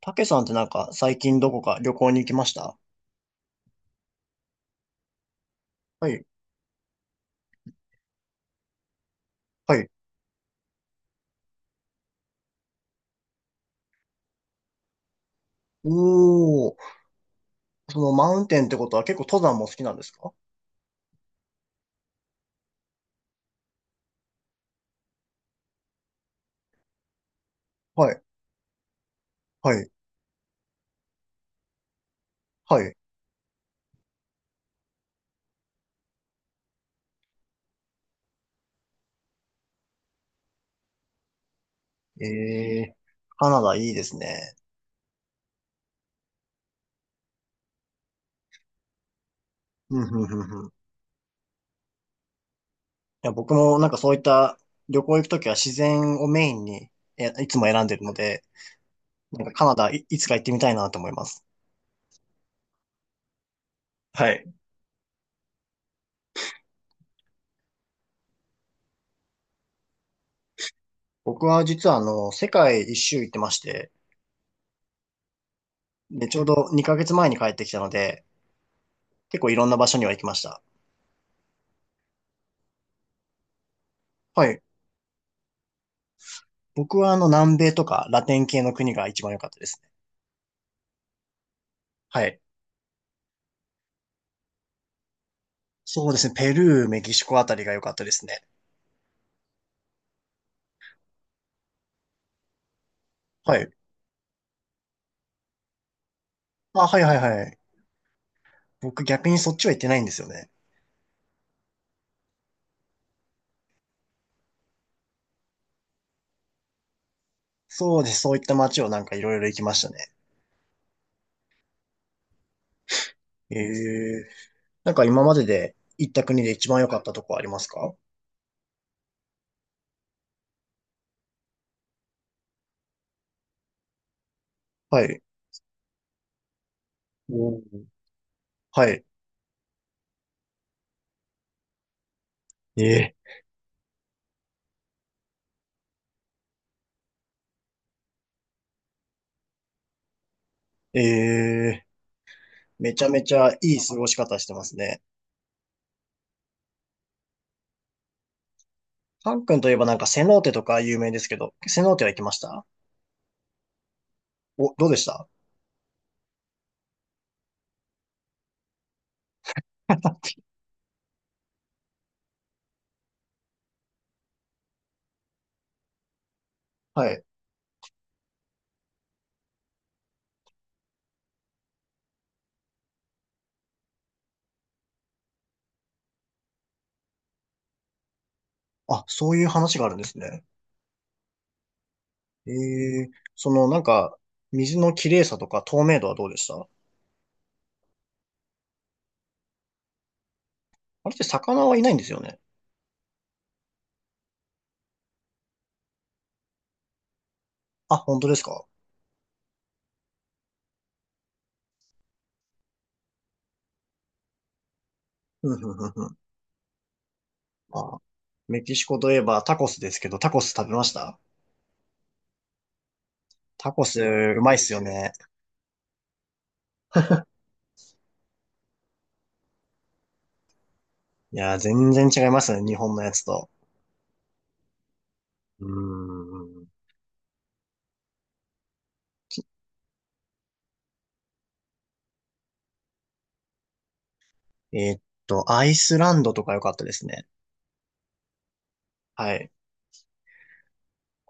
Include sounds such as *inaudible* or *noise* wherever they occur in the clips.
たけさんってなんか最近どこか旅行に行きました？はい。はい。おー。そのマウンテンってことは結構登山も好きなんですか？はい。はい。はい。えー、カナダいいですね。うん、うん、うん、うん。いや、僕もなんかそういった旅行行くときは自然をメインにいつも選んでるので、なんかカナダい、いつか行ってみたいなと思います。はい。僕は実はあの、世界一周行ってまして、で、ちょうど2ヶ月前に帰ってきたので、結構いろんな場所には行きました。はい。僕はあの南米とかラテン系の国が一番良かったですね。はい。そうですね。ペルー、メキシコあたりが良かったですね。はい。あ、はいはいはい。僕逆にそっちは行ってないんですよね。そうです。そういった街をなんかいろいろ行きましたね。ええ。なんか今までで行った国で一番良かったとこありますか？はい。おーはい。ええ。ええ。めちゃめちゃいい過ごし方してますね。カン君といえばなんかセノーテとか有名ですけど、セノーテは行きました？お、どうでした？ *laughs* はい。あ、そういう話があるんですね。ええ、そのなんか、水の綺麗さとか透明度はどうでした？あれって魚はいないんですよね。あ、本当ですか？う *laughs* ん、うん、うん、うん。あ、メキシコといえばタコスですけど、タコス食べました？タコス、うまいっすよね。いやー、全然違いますね、日本のやつと。うーん。えーっアイスランドとか良かったですね。はい。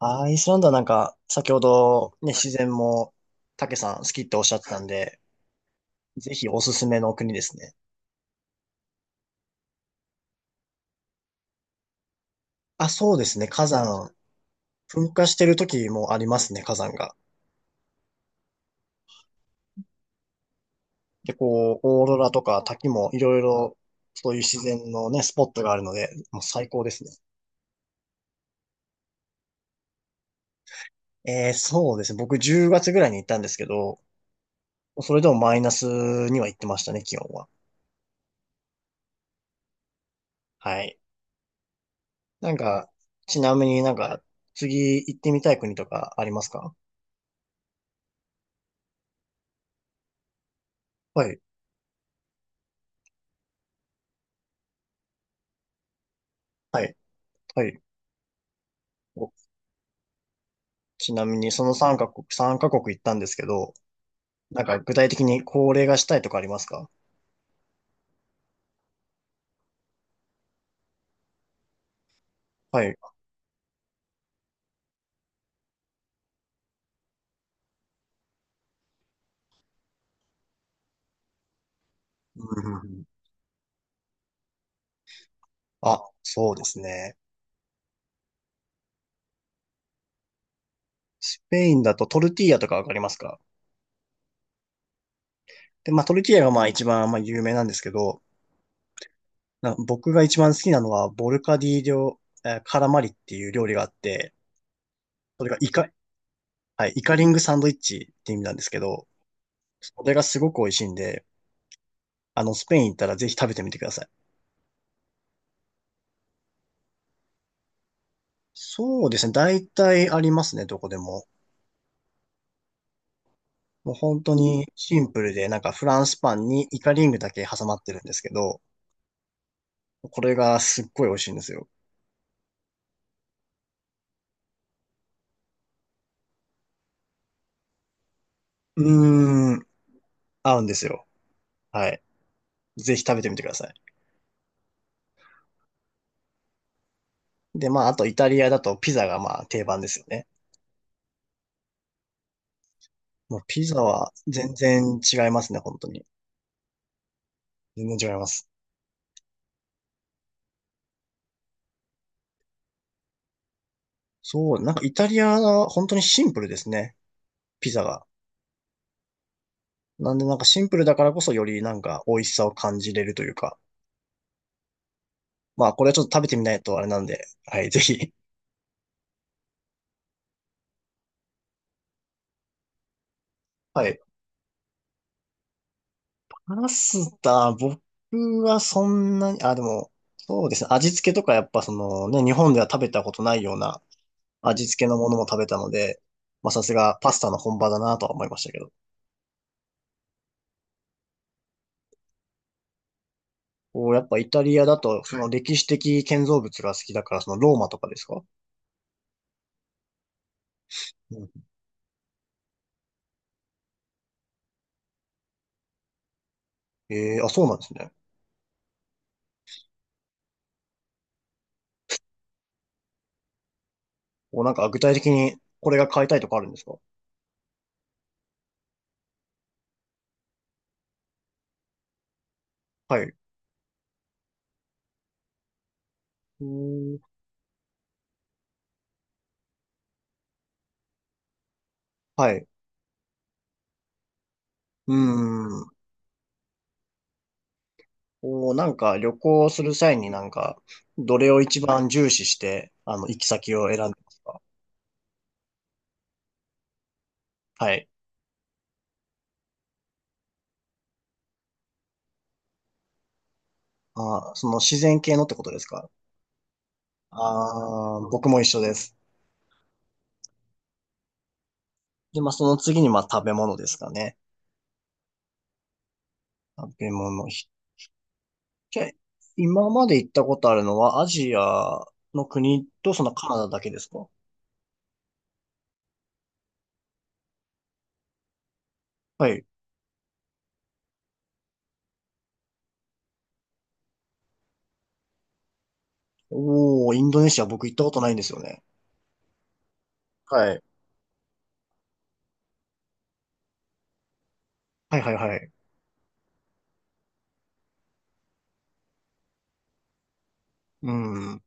アイスランドはなんか、先ほどね、自然も、たけさん好きっておっしゃってたんで、ぜひおすすめの国ですね。あ、そうですね。火山。噴火してる時もありますね、火山が。で、こう、オーロラとか滝もいろいろ、そういう自然のね、スポットがあるので、もう最高ですね。えー、そうですね。僕10月ぐらいに行ったんですけど、それでもマイナスには行ってましたね、気温は。はい。なんか、ちなみになんか、次行ってみたい国とかありますか？はい、はい、はい。お、ちなみにその3カ国、3カ国行ったんですけど、なんか具体的に恒例がしたいとかありますか？はい。うんうんうん。あ、そうですね。スペインだとトルティーヤとかわかりますか？で、まあトルティーヤがまあ一番まあ有名なんですけど、な僕が一番好きなのはボルカディ料、えーカラマリっていう料理があって、それがイカ、はい、イカリングサンドイッチって意味なんですけど、それがすごく美味しいんで、あの、スペイン行ったらぜひ食べてみてください。そうですね。大体ありますね、どこでも。もう本当にシンプルで、なんかフランスパンにイカリングだけ挟まってるんですけど、これがすっごい美味しいんですよ。うーん。合うんですよ。はい。ぜひ食べてみてください。で、まあ、あとイタリアだとピザがまあ定番ですよね。もうピザは全然違いますね、本当に。全然違います。そう、なんかイタリアは本当にシンプルですね、ピザが。なんでなんかシンプルだからこそよりなんか美味しさを感じれるというか。まあ、これはちょっと食べてみないとあれなんで、はい、ぜひ。*laughs* はい。パスタ、僕はそんなに、あ、でも、そうですね。味付けとかやっぱそのね、日本では食べたことないような味付けのものも食べたので、まあさすがパスタの本場だなとは思いましたけど。おやっぱイタリアだと、その歴史的建造物が好きだから、そのローマとかですか？うん。ええー、あ、そうなんですね。お、なんか具体的にこれが買いたいとかあるんですか？はい。うーん。はい。うーん。お、なんか旅行する際になんか、どれを一番重視して、あの、行き先を選んでますか？はい。あー、その自然系のってことですか？ああー、僕も一緒です。で、まあ、その次に、まあ、食べ物ですかね。食べ物。ひじゃ、今まで行ったことあるのはアジアの国とそのカナダだけですか？はい。おー、インドネシア僕行ったことないんですよね。はい。はいはいはい。うん。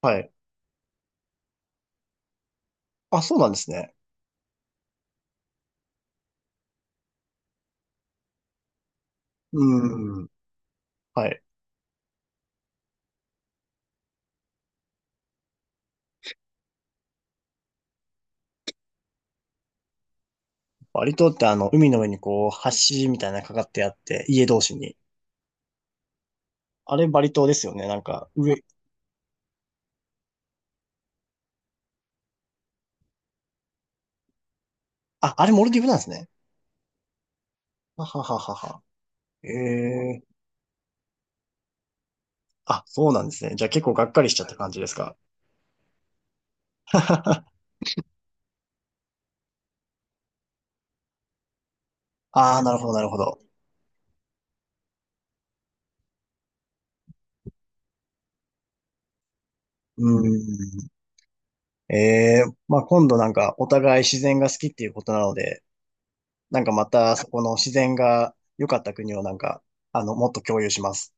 はい。あ、そうなんですね。うん。はい。バリ島ってあの、海の上にこう、橋みたいなのかかってあって、家同士に。あれバリ島ですよね。なんか、上。あ、あれモルディブなんですね。ははははは。ええー。あ、そうなんですね。じゃあ結構がっかりしちゃった感じですか。*laughs* ああ、なるほどなるほど。うん。えー、まあ、今度なんかお互い自然が好きっていうことなので、なんかまたそこの自然が良かった国をなんか、あの、もっと共有します。